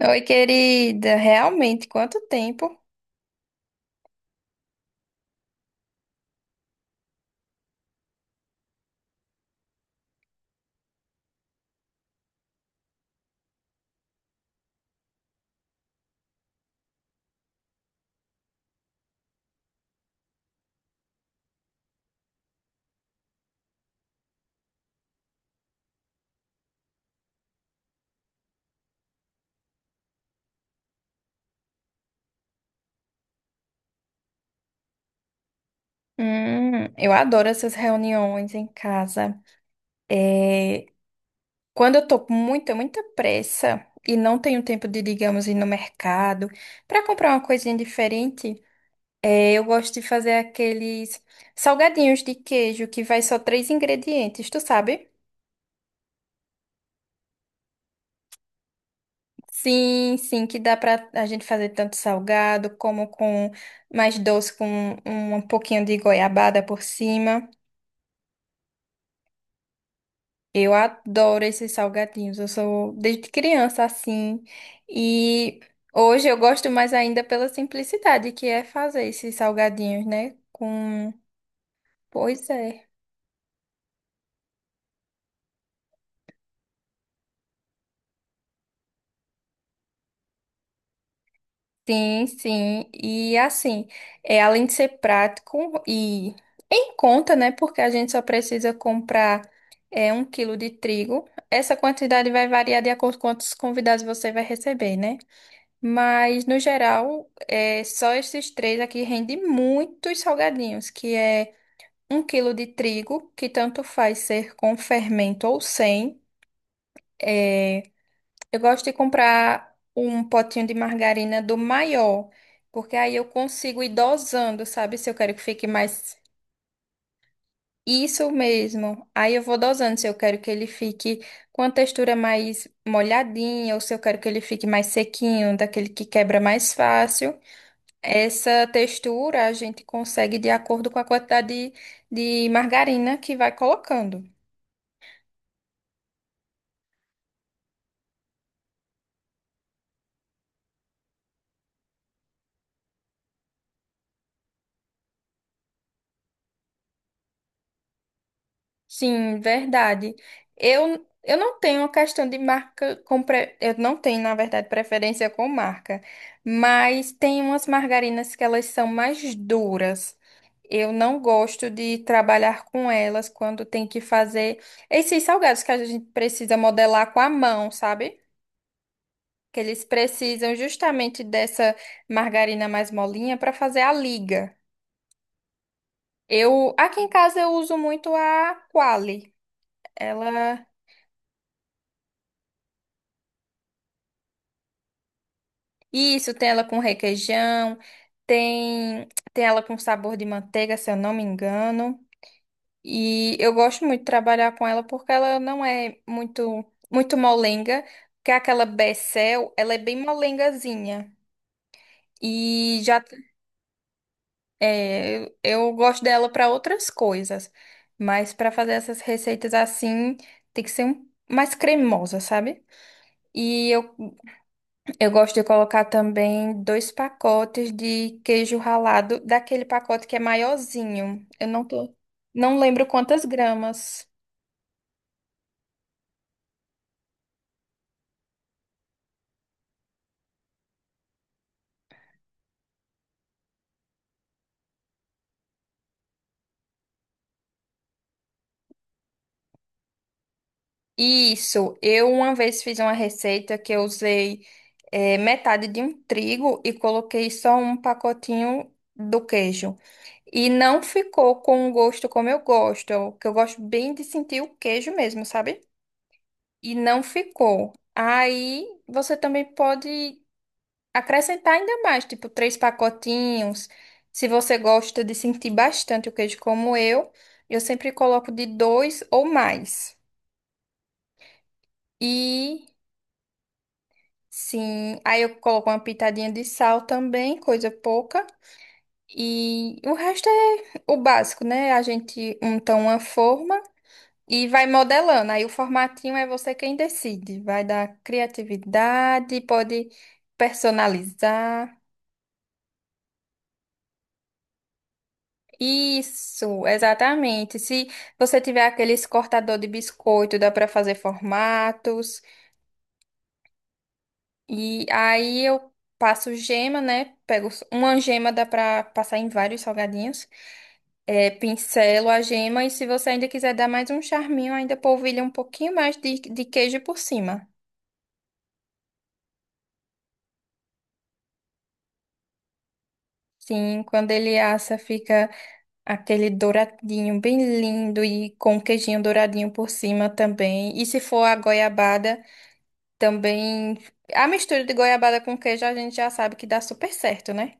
Oi, querida. Realmente, quanto tempo? Eu adoro essas reuniões em casa. É, quando eu tô com muita pressa e não tenho tempo de, digamos, ir no mercado para comprar uma coisinha diferente, eu gosto de fazer aqueles salgadinhos de queijo que vai só 3 ingredientes, tu sabe? Sim, sim, que dá pra a gente fazer tanto salgado como com mais doce com um pouquinho de goiabada por cima. Eu adoro esses salgadinhos. Eu sou desde criança assim. E hoje eu gosto mais ainda pela simplicidade que é fazer esses salgadinhos, né? Com. Pois é. Sim, sim. E assim, é, além de ser prático e em conta, né? Porque a gente só precisa comprar 1 quilo de trigo. Essa quantidade vai variar de acordo com quantos convidados você vai receber, né? Mas, no geral, é, só esses três aqui rende muitos salgadinhos, que é 1 quilo de trigo, que tanto faz ser com fermento ou sem. É, eu gosto de comprar um potinho de margarina do maior, porque aí eu consigo ir dosando, sabe? Se eu quero que fique mais. Isso mesmo. Aí eu vou dosando se eu quero que ele fique com a textura mais molhadinha ou se eu quero que ele fique mais sequinho, daquele que quebra mais fácil. Essa textura a gente consegue de acordo com a quantidade de margarina que vai colocando. Sim, verdade. Eu não tenho uma questão de marca, com eu não tenho, na verdade, preferência com marca, mas tem umas margarinas que elas são mais duras. Eu não gosto de trabalhar com elas quando tem que fazer esses salgados que a gente precisa modelar com a mão, sabe? Que eles precisam justamente dessa margarina mais molinha para fazer a liga. Eu, aqui em casa eu uso muito a Qualy. Ela, isso, tem ela com requeijão, tem ela com sabor de manteiga, se eu não me engano. E eu gosto muito de trabalhar com ela porque ela não é muito molenga, que aquela Becel, ela é bem molengazinha. E já é, eu gosto dela para outras coisas, mas para fazer essas receitas assim, tem que ser mais cremosa, sabe? E eu gosto de colocar também 2 pacotes de queijo ralado, daquele pacote que é maiorzinho. Eu não tô, não lembro quantas gramas. Isso, eu uma vez fiz uma receita que eu usei metade de um trigo e coloquei só um pacotinho do queijo. E não ficou com o gosto como eu gosto, que eu gosto bem de sentir o queijo mesmo, sabe? E não ficou. Aí você também pode acrescentar ainda mais, tipo 3 pacotinhos. Se você gosta de sentir bastante o queijo como eu sempre coloco de dois ou mais. E sim, aí eu coloco uma pitadinha de sal também, coisa pouca. E o resto é o básico, né? A gente unta uma forma e vai modelando. Aí o formatinho é você quem decide. Vai dar criatividade, pode personalizar. Isso, exatamente. Se você tiver aqueles cortador de biscoito, dá para fazer formatos. E aí eu passo gema, né? Pego uma gema, dá pra passar em vários salgadinhos. É, pincelo a gema e se você ainda quiser dar mais um charminho, ainda polvilha um pouquinho mais de queijo por cima. Sim, quando ele assa, fica aquele douradinho bem lindo e com um queijinho douradinho por cima também. E se for a goiabada, também. A mistura de goiabada com queijo a gente já sabe que dá super certo, né?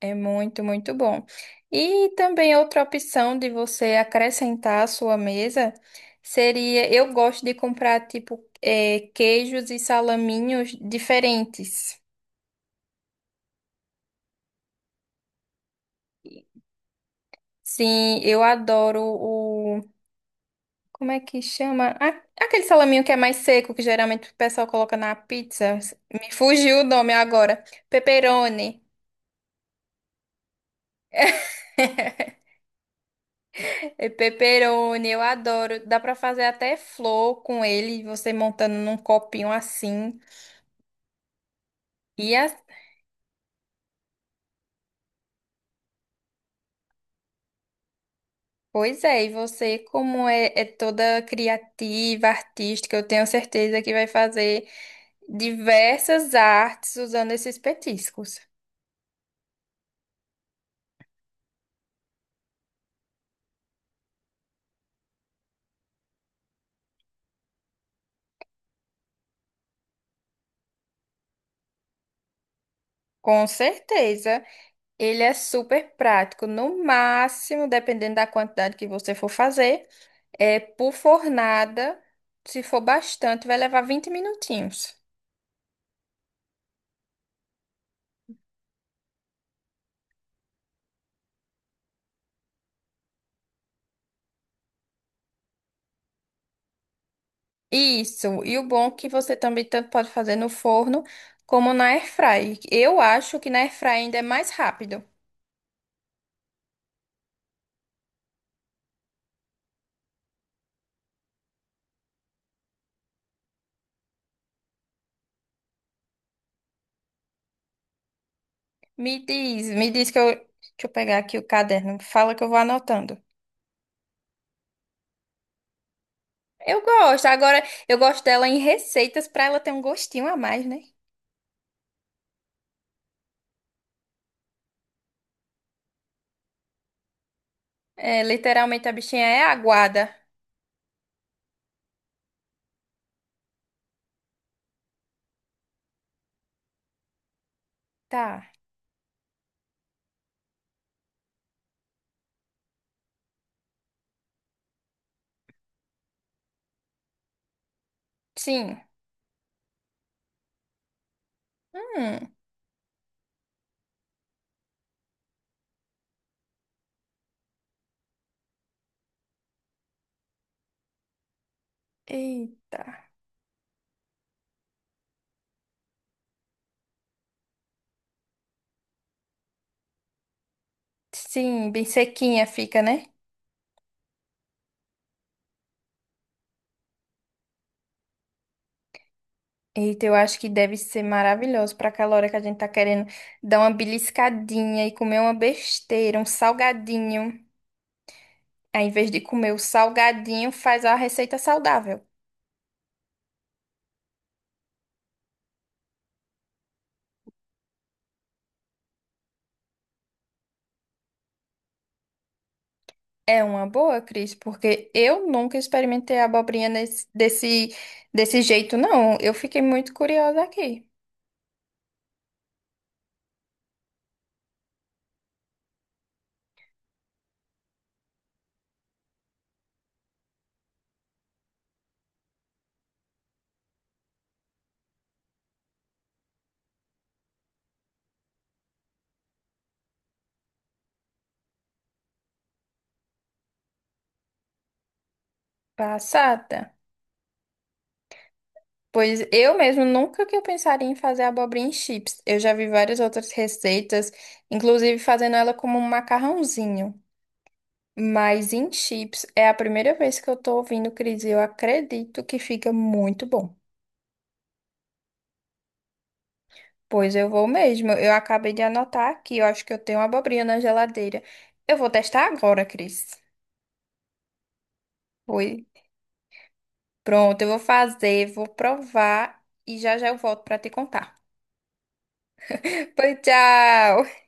É muito bom. E também outra opção de você acrescentar à sua mesa seria, eu gosto de comprar tipo queijos e salaminhos diferentes. Sim, eu adoro o, como é que chama? Aquele salaminho que é mais seco, que geralmente o pessoal coloca na pizza. Me fugiu o nome agora. Pepperoni. É Pepperoni, eu adoro. Dá pra fazer até flor com ele, você montando num copinho assim. E as... Pois é, e você, como é, é toda criativa, artística, eu tenho certeza que vai fazer diversas artes usando esses petiscos. Com certeza, ele é super prático. No máximo, dependendo da quantidade que você for fazer, é por fornada. Se for bastante, vai levar 20 minutinhos. Isso. E o bom é que você também tanto pode fazer no forno como na airfry. Eu acho que na airfry ainda é mais rápido. Me diz que eu. Deixa eu pegar aqui o caderno. Fala que eu vou anotando. Eu gosto. Agora, eu gosto dela em receitas pra ela ter um gostinho a mais, né? É, literalmente a bichinha é aguada. Tá. Sim. Hum. Eita. Sim, bem sequinha fica, né? Eita, eu acho que deve ser maravilhoso pra aquela hora que a gente tá querendo dar uma beliscadinha e comer uma besteira, um salgadinho. Aí, ao invés de comer o salgadinho, faz a receita saudável. É uma boa, Cris, porque eu nunca experimentei a abobrinha desse, desse jeito, não. Eu fiquei muito curiosa aqui, passada. Pois eu mesmo nunca que eu pensaria em fazer abobrinha em chips. Eu já vi várias outras receitas, inclusive fazendo ela como um macarrãozinho. Mas em chips é a primeira vez que eu tô ouvindo, Cris, e eu acredito que fica muito bom. Pois eu vou mesmo. Eu acabei de anotar aqui, eu acho que eu tenho uma abobrinha na geladeira. Eu vou testar agora, Cris. Oi. Pronto, eu vou fazer, vou provar e já já eu volto para te contar. Pois tchau.